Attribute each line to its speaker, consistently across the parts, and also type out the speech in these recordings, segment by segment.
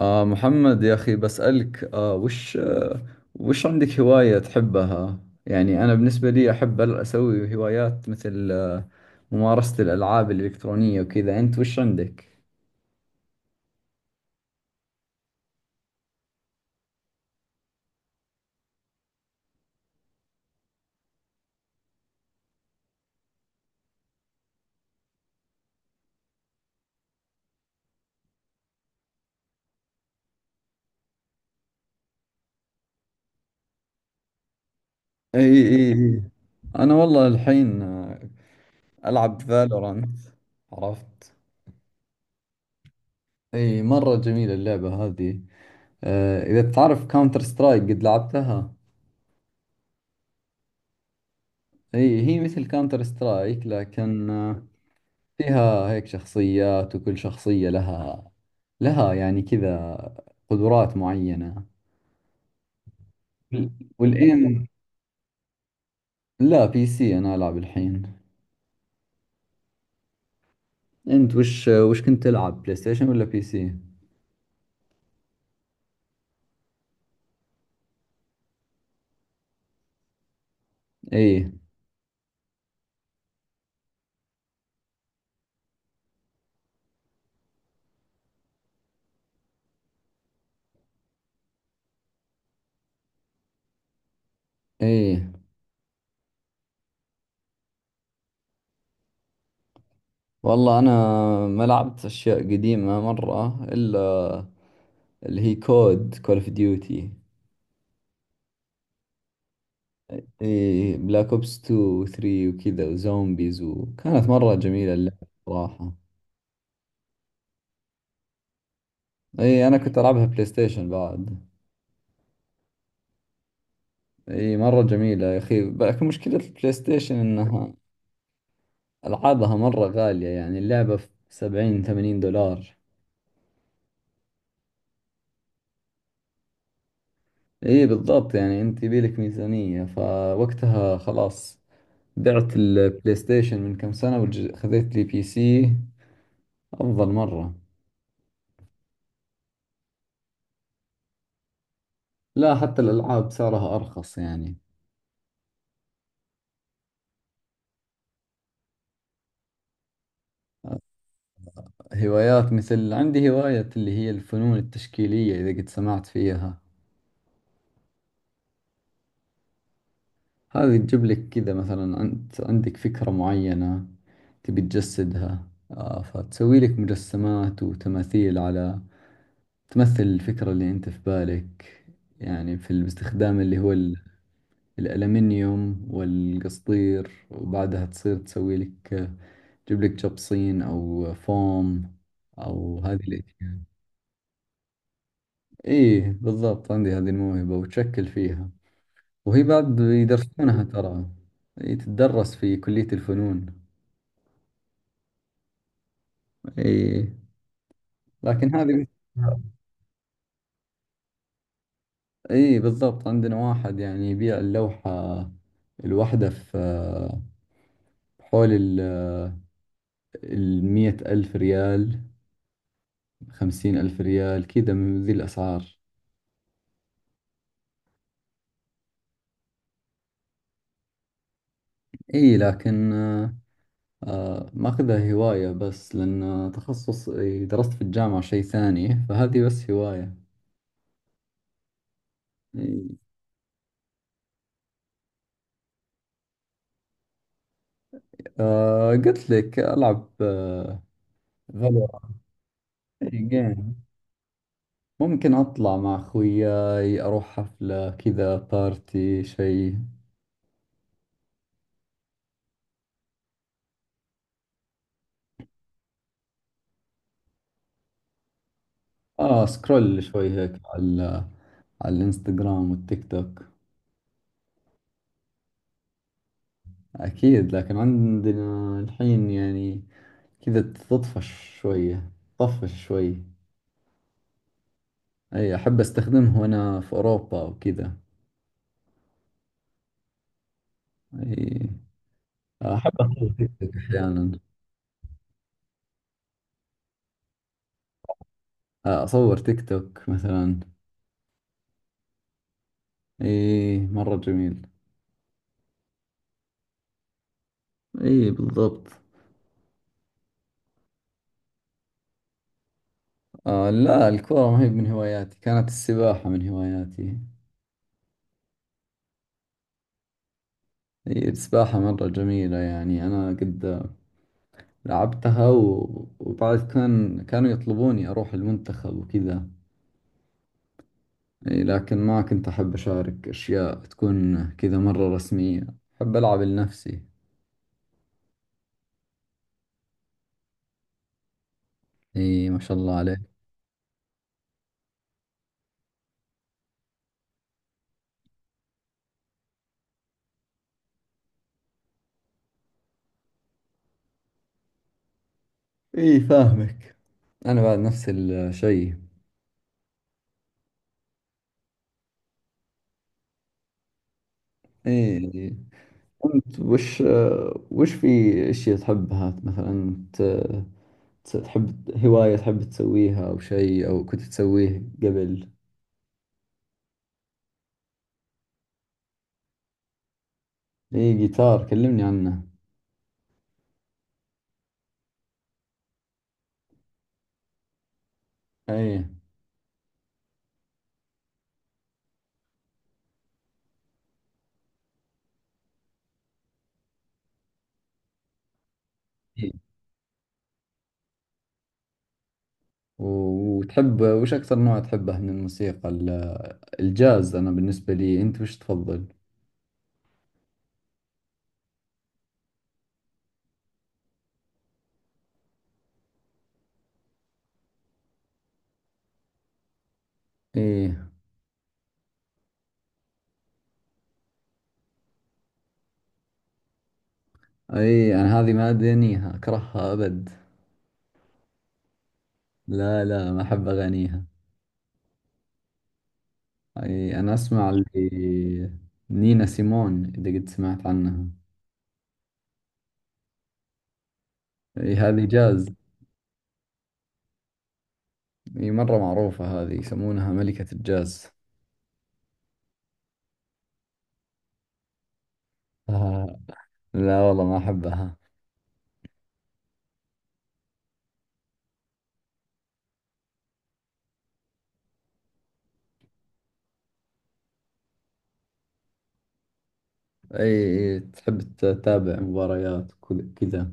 Speaker 1: محمد، يا أخي، بسألك وش عندك هواية تحبها؟ يعني أنا بالنسبة لي أحب أسوي هوايات مثل ممارسة الألعاب الإلكترونية وكذا. أنت وش عندك؟ اي، اي، اي، أنا والله الحين ألعب فالورانت. عرفت؟ أي، مرة جميلة اللعبة هذه. إذا بتعرف كاونتر سترايك، قد لعبتها؟ أي، هي مثل كاونتر سترايك، لكن فيها هيك شخصيات، وكل شخصية لها يعني كذا قدرات معينة. والإيم، لا، بي سي أنا ألعب الحين. أنت وش كنت تلعب، بلاي ستيشن ولا بي سي؟ إيه، إيه، والله أنا ما لعبت أشياء قديمة مرة، إلا اللي هي كود، كول أوف ديوتي. إيه، بلاك أوبس 2 و 3 وكذا وزومبيز. وكانت مرة جميلة اللعبة، صراحة. إيه، أنا كنت ألعبها بلاي ستيشن بعد. اي، مرة جميلة يا اخي، لكن مشكلة البلاي ستيشن انها العابها مرة غالية، يعني اللعبة في 70 80 دولار. اي، بالضبط، يعني انت يبيلك ميزانية، فوقتها خلاص. بعت البلاي ستيشن من كم سنة، وخذيت لي بي سي، افضل مرة. لا، حتى الالعاب سعرها ارخص يعني. هوايات، مثل عندي هواية اللي هي الفنون التشكيلية، اذا قد سمعت فيها. هذه تجيب لك كذا، مثلا أنت عندك فكرة معينة تبي تجسدها، فتسوي لك مجسمات وتماثيل على، تمثل الفكرة اللي أنت في بالك. يعني في باستخدام اللي هو الألمنيوم والقصدير، وبعدها تصير تسوي لك، تجيب لك جبصين أو فوم، أو هذه الأشياء. إيه، بالضبط، عندي هذه الموهبة وتشكل فيها. وهي بعد يدرسونها، ترى. إيه، تدرس في كلية الفنون. اي، لكن هذه، اي بالضبط، عندنا واحد يعني يبيع اللوحة الواحدة في، حول 100,000 ريال، 50,000 ريال، كذا من ذي الأسعار. اي لكن، ماخذها هواية بس، لأن تخصص، إي، درست في الجامعة شيء ثاني، فهذه بس هواية. إي. قلت لك ألعب، فالورانت. ممكن أطلع مع خوياي، أروح حفلة، كذا بارتي، شيء. سكرول شوي هيك على الإنستغرام والتيك توك. أكيد، لكن عندنا الحين يعني كذا تطفش شوية. طفش شوي. أي، أحب أستخدمه وأنا في أوروبا وكذا. أي، أحب أصور تيك توك أحيانا. أصور تيك توك مثلا. أي، مرة جميل. أي، بالضبط. لا، الكورة ما هي من هواياتي. كانت السباحة من هواياتي. هي السباحة مرة جميلة، يعني أنا قد لعبتها وبعد كانوا يطلبوني أروح المنتخب وكذا. إي، لكن ما كنت أحب أشارك أشياء تكون كذا مرة رسمية. أحب ألعب لنفسي. إي، ما شاء الله عليك. إي، فاهمك. أنا بعد نفس الشيء. إي، أنت وش في أشياء تحبها مثلا، تحب هواية تحب تسويها، أو شيء، أو كنت تسويه قبل. إيه، جيتار، كلمني عنه. أي. إيه. وتحب وش أكثر نوع تحبه من الموسيقى، الجاز؟ أنا بالنسبة لي، أنت وش تفضل؟ إيه. أي، أنا هذه ما أدانيها، أكرهها أبد. لا، لا، ما أحب أغانيها. أي، أنا أسمع اللي، نينا سيمون، إذا قد سمعت عنها. أي، هذه جاز. أي، مرة معروفة هذه، يسمونها ملكة الجاز. آه، لا والله ما أحبها. اي، اي تحب تتابع مباريات كذا.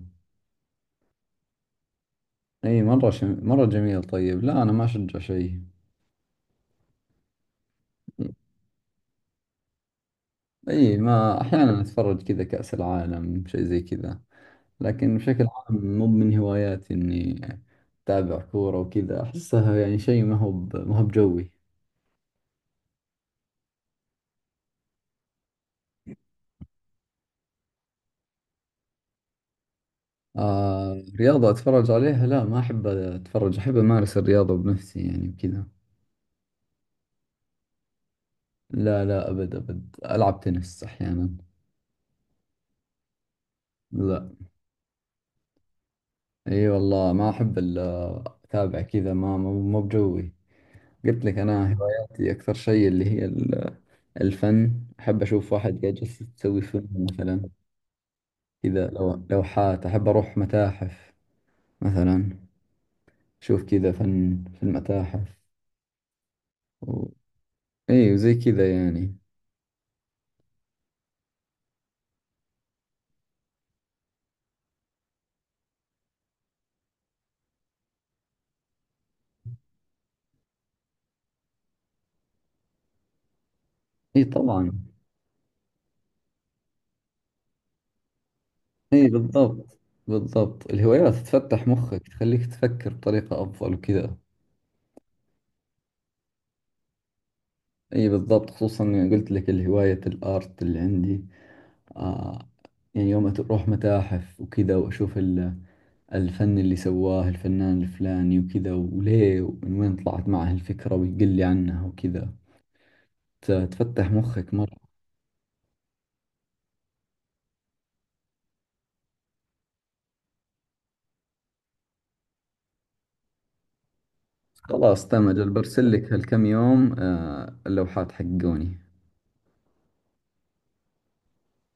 Speaker 1: اي، مرة جميل. طيب، لا، انا ما اشجع شيء. اي، ما احيانا اتفرج، كذا كأس العالم شيء زي كذا. لكن بشكل عام مو من هواياتي اني اتابع كورة وكذا، احسها يعني شيء ما هو بجوي. رياضة اتفرج عليها، لا، ما احب اتفرج. احب امارس الرياضة بنفسي يعني وكذا. لا، لا، ابد، ابد، العب تنس احيانا. لا. اي والله ما احب الا اتابع كذا، ما مو بجوي. قلت لك انا هواياتي اكثر شيء اللي هي الفن. احب اشوف واحد قاعد جالس يسوي فيلم مثلا، كذا، لوحات. احب اروح متاحف مثلا، اشوف كذا فن في المتاحف و... اي، وزي كذا يعني. اي، طبعا. اي، بالضبط. بالضبط، الهوايات تفتح مخك، تخليك تفكر بطريقة افضل وكذا. اي، بالضبط، خصوصا إني قلت لك الهواية الارت اللي عندي، آه، يعني يوم أروح متاحف وكذا، وأشوف الفن اللي سواه الفنان الفلاني وكذا، وليه ومن وين طلعت معه الفكرة، ويقول لي عنها وكذا، تفتح مخك مرة. خلاص، تمام، أجل برسل لك هالكم يوم، اللوحات حقوني